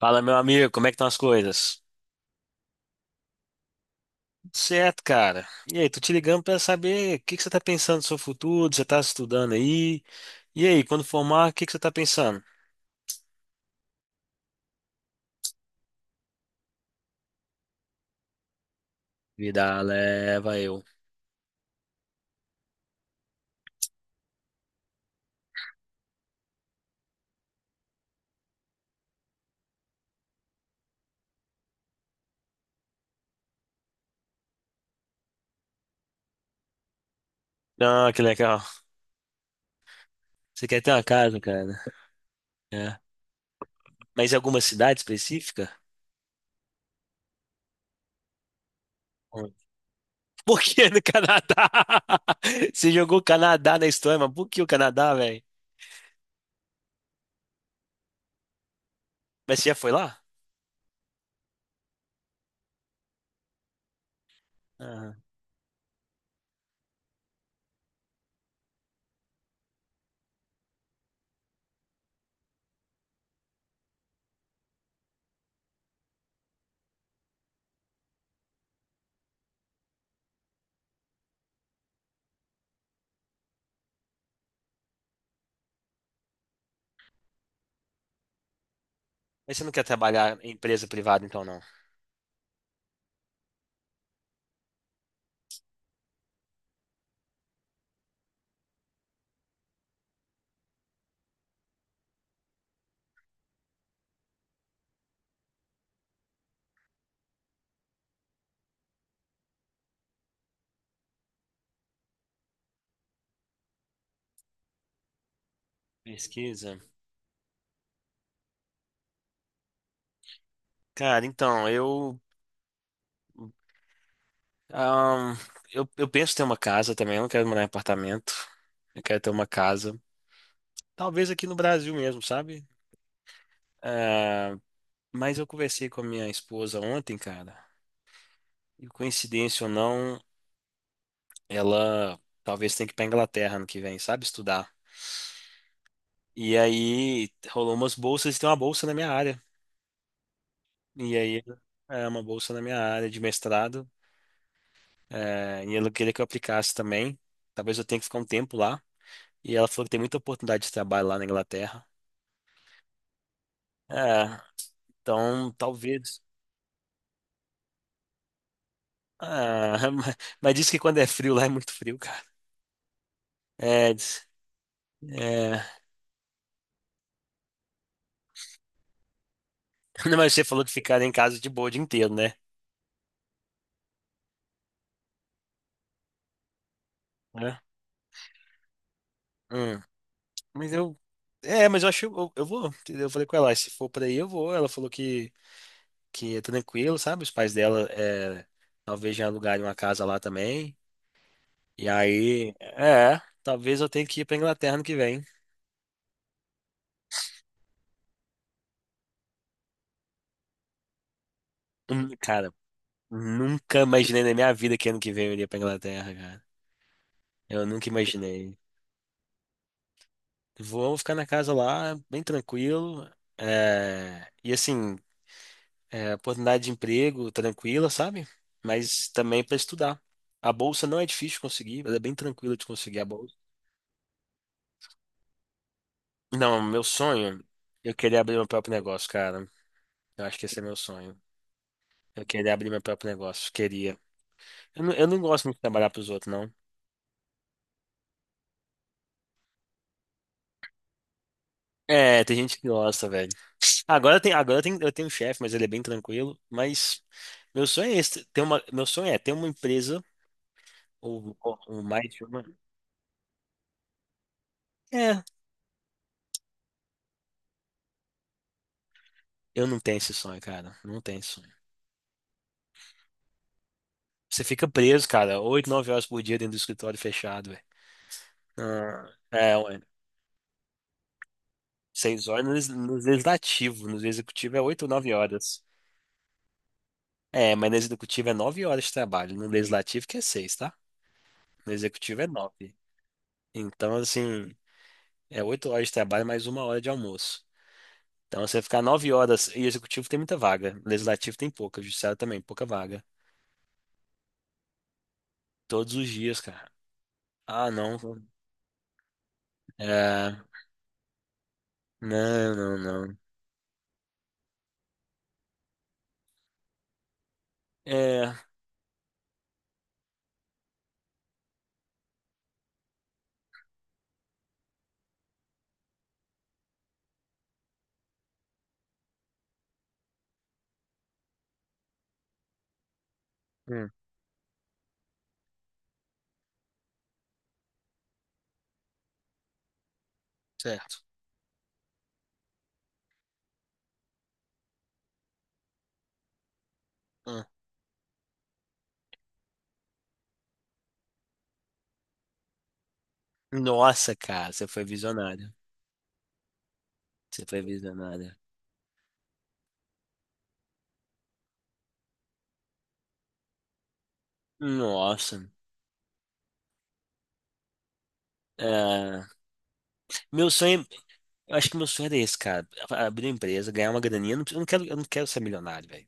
Fala, meu amigo, como é que estão as coisas? Certo, cara. E aí, tô te ligando pra saber o que que você tá pensando no seu futuro, você tá estudando aí? E aí, quando formar, o que que você tá pensando? Vida leva eu. Ah, que legal. Você quer ter uma casa, cara? É. Mas em alguma cidade específica? Onde? Por que no Canadá? Você jogou o Canadá na história, mas por que o Canadá, velho? Mas você já foi lá? Aham. Mas você não quer trabalhar em empresa privada, então, não? Pesquisa. Cara, então, Ahn, eu penso em ter uma casa também, eu não quero morar em apartamento. Eu quero ter uma casa. Talvez aqui no Brasil mesmo, sabe? Ah, mas eu conversei com a minha esposa ontem, cara. E coincidência ou não, ela talvez tenha que ir pra Inglaterra ano que vem, sabe? Estudar. E aí rolou umas bolsas, e tem uma bolsa na minha área. E aí é uma bolsa na minha área de mestrado. E ela queria que eu aplicasse também. Talvez eu tenha que ficar um tempo lá. E ela falou que tem muita oportunidade de trabalho lá na Inglaterra. É, então, talvez. Ah, mas, diz que quando é frio lá é muito frio, cara. É, é... Não, mas você falou de ficar em casa de boa o dia inteiro, né? É. Hum. Mas eu. É, mas eu acho. Eu vou. Eu falei com ela, "Ah, se for pra aí, eu vou. Ela falou que é tranquilo, sabe? Os pais dela é, talvez já alugarem uma casa lá também. E aí. É, talvez eu tenha que ir pra Inglaterra ano que vem. Cara, nunca imaginei na minha vida que ano que vem eu iria pra Inglaterra, cara. Eu nunca imaginei. Vou ficar na casa lá, bem tranquilo. É, e assim, é, oportunidade de emprego tranquila, sabe? Mas também para estudar. A bolsa não é difícil de conseguir, ela é bem tranquila de conseguir a bolsa. Não, meu sonho, eu queria abrir meu próprio negócio, cara. Eu acho que esse é meu sonho. Eu queria abrir meu próprio negócio, queria. Eu não gosto muito de trabalhar pros outros, não. É, tem gente que gosta, velho. Eu tenho um chefe, mas ele é bem tranquilo. Mas meu sonho é esse, ter uma, meu sonho é ter uma empresa. Ou um mais de uma. É, eu não tenho esse sonho, cara. Não tenho esse sonho. Você fica preso, cara, oito, nove horas por dia dentro do escritório fechado, velho. Ah, é, ué. Seis horas no, no legislativo. No executivo é oito ou nove horas. É, mas no executivo é nove horas de trabalho. No legislativo que é seis, tá? No executivo é nove. Então, assim, é oito horas de trabalho mais uma hora de almoço. Então, você ficar nove horas. E executivo tem muita vaga. Legislativo tem pouca. Judiciário também, pouca vaga. Todos os dias, cara. Ah, não. É, não, não, não. É, hum, certo. Hum. Nossa, cara, você foi visionário. Você foi visionário. Nossa. É, meu sonho, eu acho que meu sonho era esse, cara. Abrir uma empresa, ganhar uma graninha. Eu não quero, eu não quero ser milionário, velho.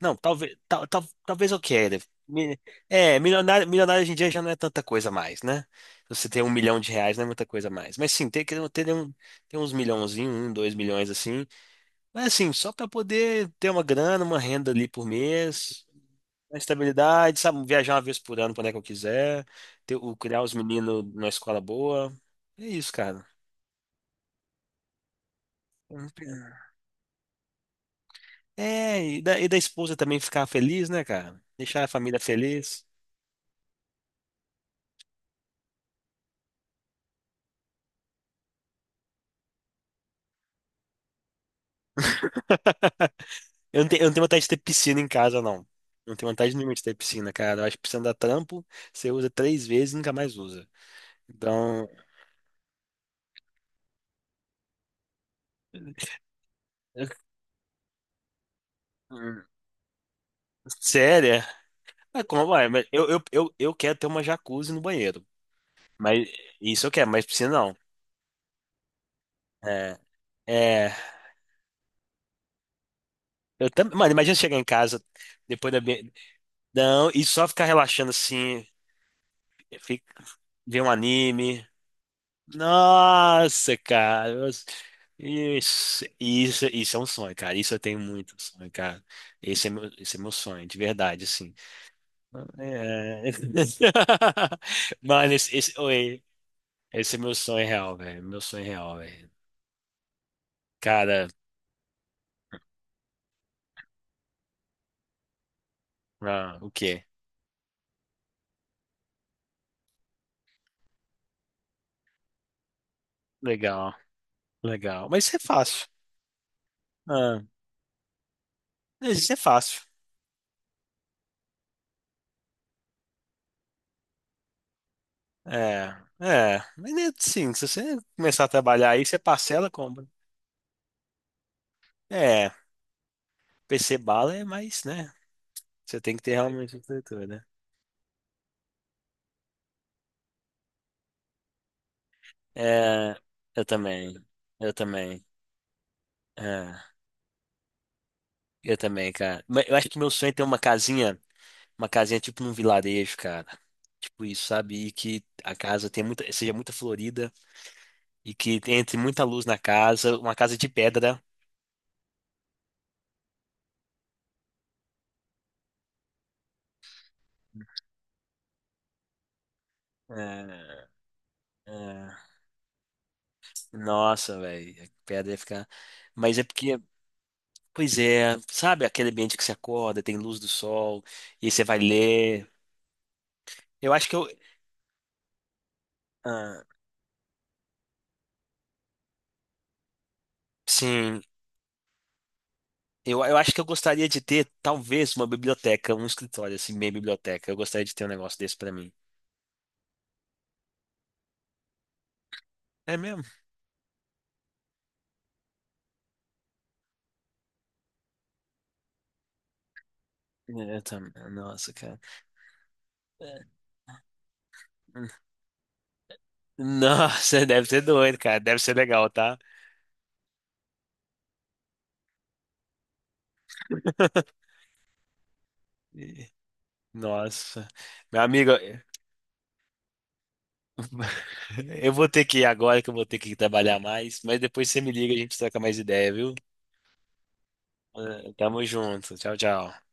Não, talvez eu queira. Mi- É, milionário hoje em dia já não é tanta coisa mais, né? Você ter um milhão de reais não é muita coisa mais. Mas sim, ter, um, ter uns milhãozinhos, um, dois milhões assim. Mas assim, só para poder ter uma grana, uma renda ali por mês, uma estabilidade, sabe? Viajar uma vez por ano para onde é que eu quiser, criar os meninos numa escola boa. É isso, cara. É, e da esposa também ficar feliz, né, cara? Deixar a família feliz. Eu não tenho vontade de ter piscina em casa, não. Não tenho vontade nenhuma de ter piscina, cara. Eu acho que piscina dá trampo, você usa três vezes e nunca mais usa. Então, eu- hum, sério? É? Mas como vai? Mas eu quero ter uma jacuzzi no banheiro. Mas isso eu quero, mas piscina não. É, é, eu também, mano, imagina chegar em casa depois da bi- não e só ficar relaxando assim, fica, ver um anime. Nossa, cara. Nossa. Isso é um sonho, cara. Isso eu tenho muito sonho, cara. Esse é meu sonho, de verdade, assim. É... Mano, oi, esse é meu sonho real, velho. Meu sonho real, velho. Cara, ah, o quê? Legal. Legal. Mas isso é fácil. Ah, isso é fácil. É, é. Mas é assim, se você começar a trabalhar aí, você parcela, compra. É, PC bala é mais, né? Você tem que ter realmente estrutura, né? É, eu também. Eu também. É, eu também, cara. Mas eu acho que meu sonho é ter uma casinha tipo num vilarejo, cara. Tipo isso, sabe? E que a casa tenha muita, seja muito florida e que entre muita luz na casa, uma casa de pedra. É, é. Nossa, velho, a pedra ia ficar. Mas é porque, pois é, sabe aquele ambiente que você acorda, tem luz do sol, e aí você vai ler. Eu acho que eu. Ah, sim, eu acho que eu gostaria de ter, talvez, uma biblioteca, um escritório, assim, meio biblioteca. Eu gostaria de ter um negócio desse pra mim. É mesmo? É, eu também. Nossa, cara. É. Nossa, deve ser doido, cara. Deve ser legal, tá? Nossa. Meu amigo. Eu vou ter que ir agora que eu vou ter que trabalhar mais, mas depois você me liga e a gente troca mais ideia, viu? Tamo junto. Tchau, tchau.